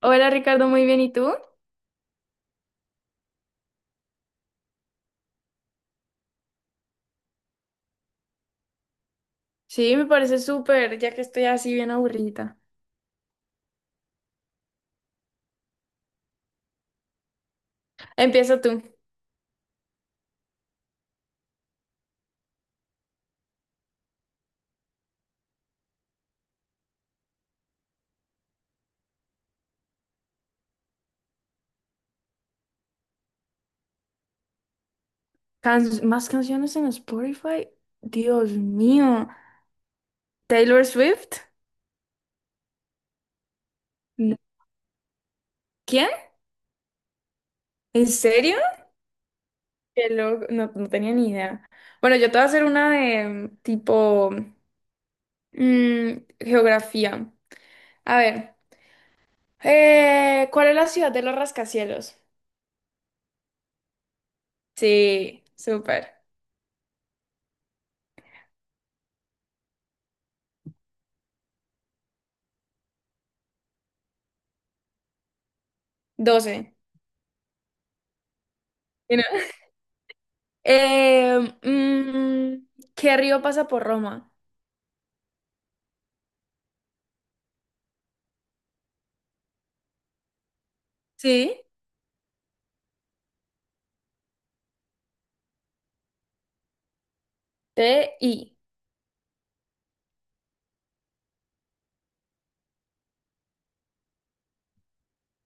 Hola Ricardo, muy bien. ¿Y tú? Sí, me parece súper, ya que estoy así bien aburrida. Empieza tú. Can- ¿Más canciones en Spotify? Dios mío. ¿Taylor Swift? No. ¿Quién? ¿En serio? Qué loco, no, no tenía ni idea. Bueno, yo te voy a hacer una de tipo mm, geografía. A ver, ¿cuál es la ciudad de los rascacielos? Sí, súper. 12. Eh, mm, ¿Qué río pasa por Roma? Sí, T, I.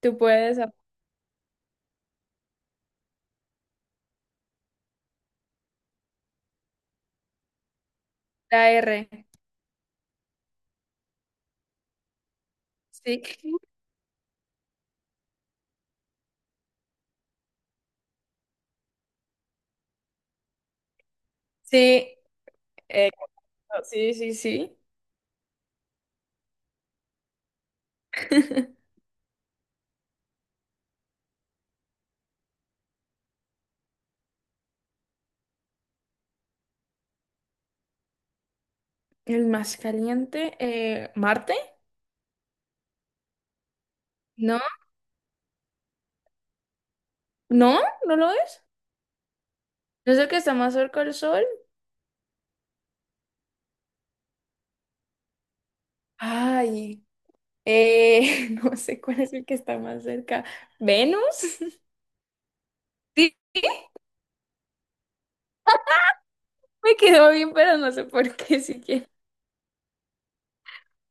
Tú puedes apuntar la R. Sí. Sí, eh, sí, sí, sí. El más caliente, Marte. No, no, no lo es. ¿No es el que está más cerca del Sol? Ay, no sé cuál es el que está más cerca. ¿Venus? Sí, me quedó bien, pero no sé por qué siquiera.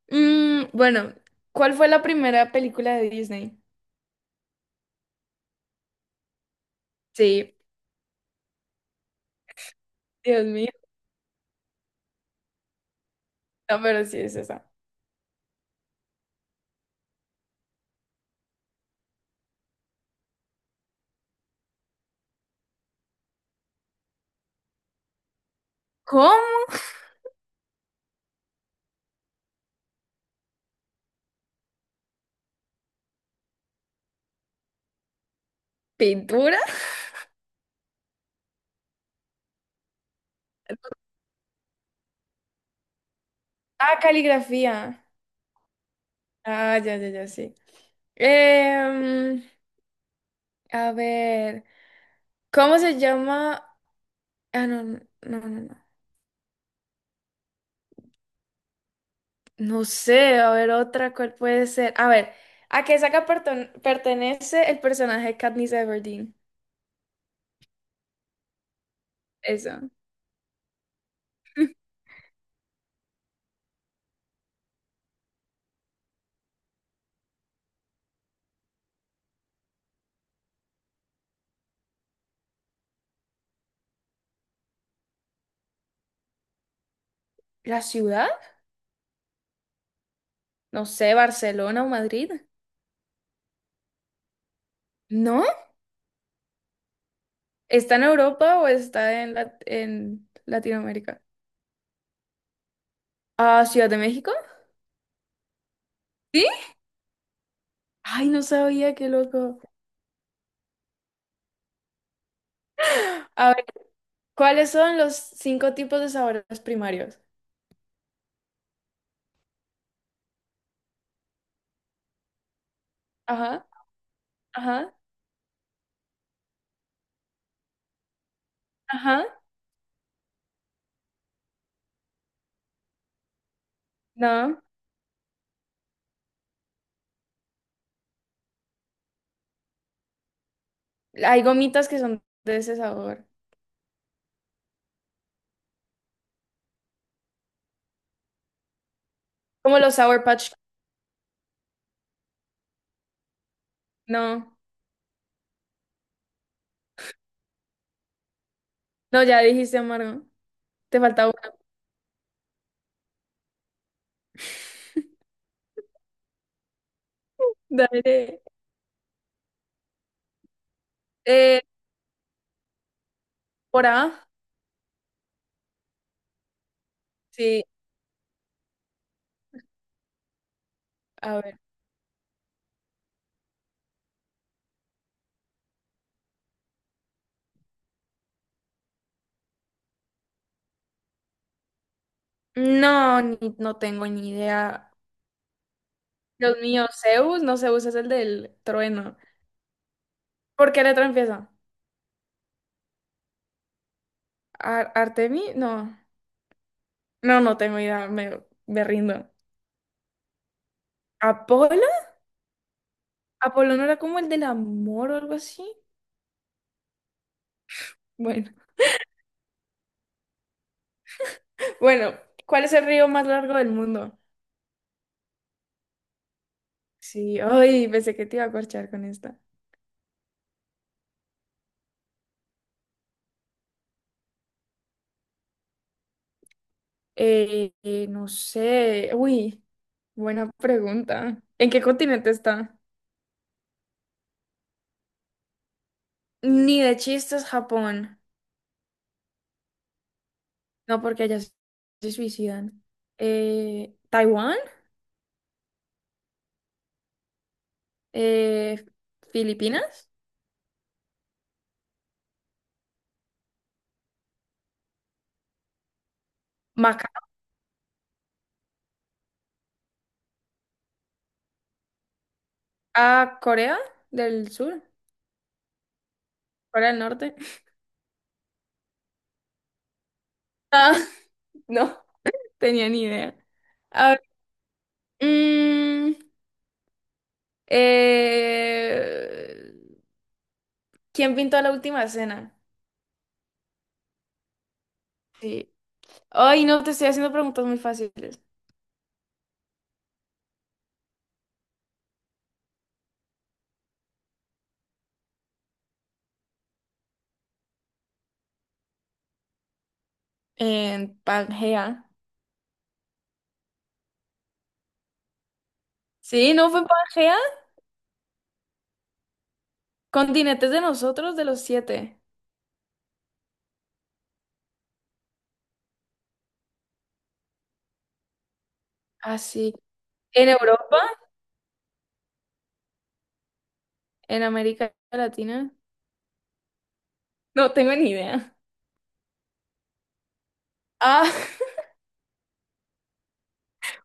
Bueno, ¿cuál fue la primera película de Disney? Sí, Dios mío. No, pero sí es esa. ¿Cómo? ¿Pintura? Ah, caligrafía. Ah, ya, ya, ya, sí. Em, a ver, ¿cómo se llama? Ah, no, no, no, no. No no sé, a ver, otra, ¿cuál puede ser? A ver, ¿a qué saga pertenece el personaje de Katniss Everdeen? Eso. ¿La ciudad? No sé, Barcelona o Madrid. ¿No? ¿Está en Europa o está en, Lat- en Latinoamérica? Ah, Ciudad de México. ¿Sí? Ay, no sabía, qué loco. A ver, ¿cuáles son los 5 tipos de sabores primarios? Ajá, ajá, ajá. No, hay gomitas que son de ese sabor. Como los Sour Patch. No, no, ya dijiste amargo. Te falta uno. Dale. Eh, ¿Por A? Sí, a ver. No, no tengo ni idea. Dios mío, Zeus, no, Zeus es el del trueno. ¿Por qué letra empieza? ¿Artemi? No, no, no tengo idea, me rindo. ¿Apolo? ¿Apolo no era como el del amor o algo así? Bueno, bueno, ¿cuál es el río más largo del mundo? Sí, ay, pensé que te iba a corchar con esta. No sé, uy, buena pregunta. ¿En qué continente está? Ni de chistes Japón. No, porque allá se suicidan. ¿Taiwán? Eh, ¿Filipinas? ¿Macao? ¿A Corea del Sur? ¿Corea del Norte? Ah, no. Tenía ni idea. A ver, mm, eh, ¿quién pintó la última cena? Sí. Ay, no, te estoy haciendo preguntas muy fáciles. En Pangea. Sí, ¿no fue en Pangea? Continentes de nosotros, de los 7. Así. ¿En Europa? ¿En América Latina? No tengo ni idea. Ah,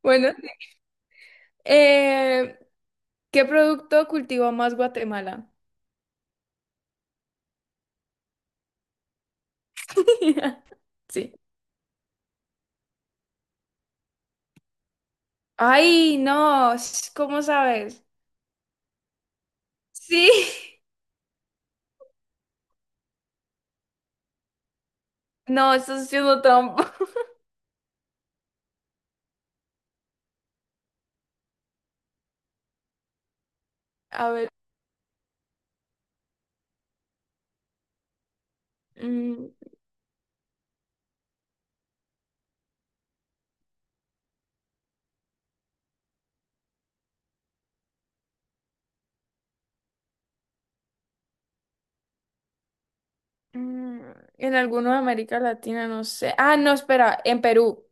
bueno. Sí. Eh, ¿Qué producto cultivó más Guatemala? Sí. Ay, no, ¿cómo sabes? Sí, no, estás siendo trampa. A ver, mm, mm, en algunos de América Latina, no sé. Ah, no, espera, en Perú.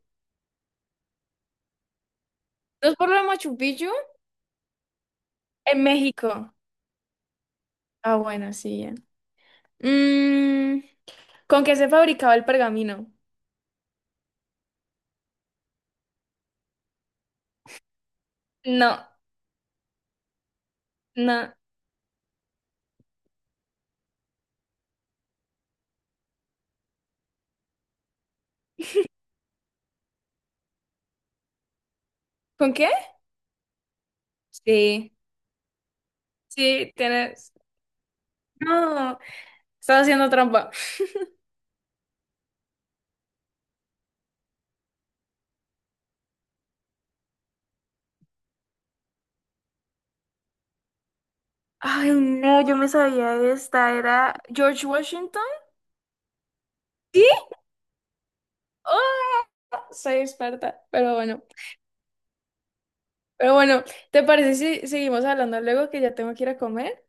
¿No es por lo de Machu Picchu? En México. Ah, bueno, sí, ya. Mm, ¿Con qué se fabricaba el pergamino? No, no. ¿Con qué? Sí, sí, tienes. No, estás haciendo trampa. Ay, no, yo me sabía esta. Era George Washington. ¡Ah! Soy experta, pero bueno. Pero bueno, ¿te parece si seguimos hablando luego que ya tengo que ir a comer?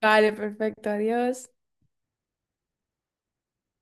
Vale, perfecto, adiós.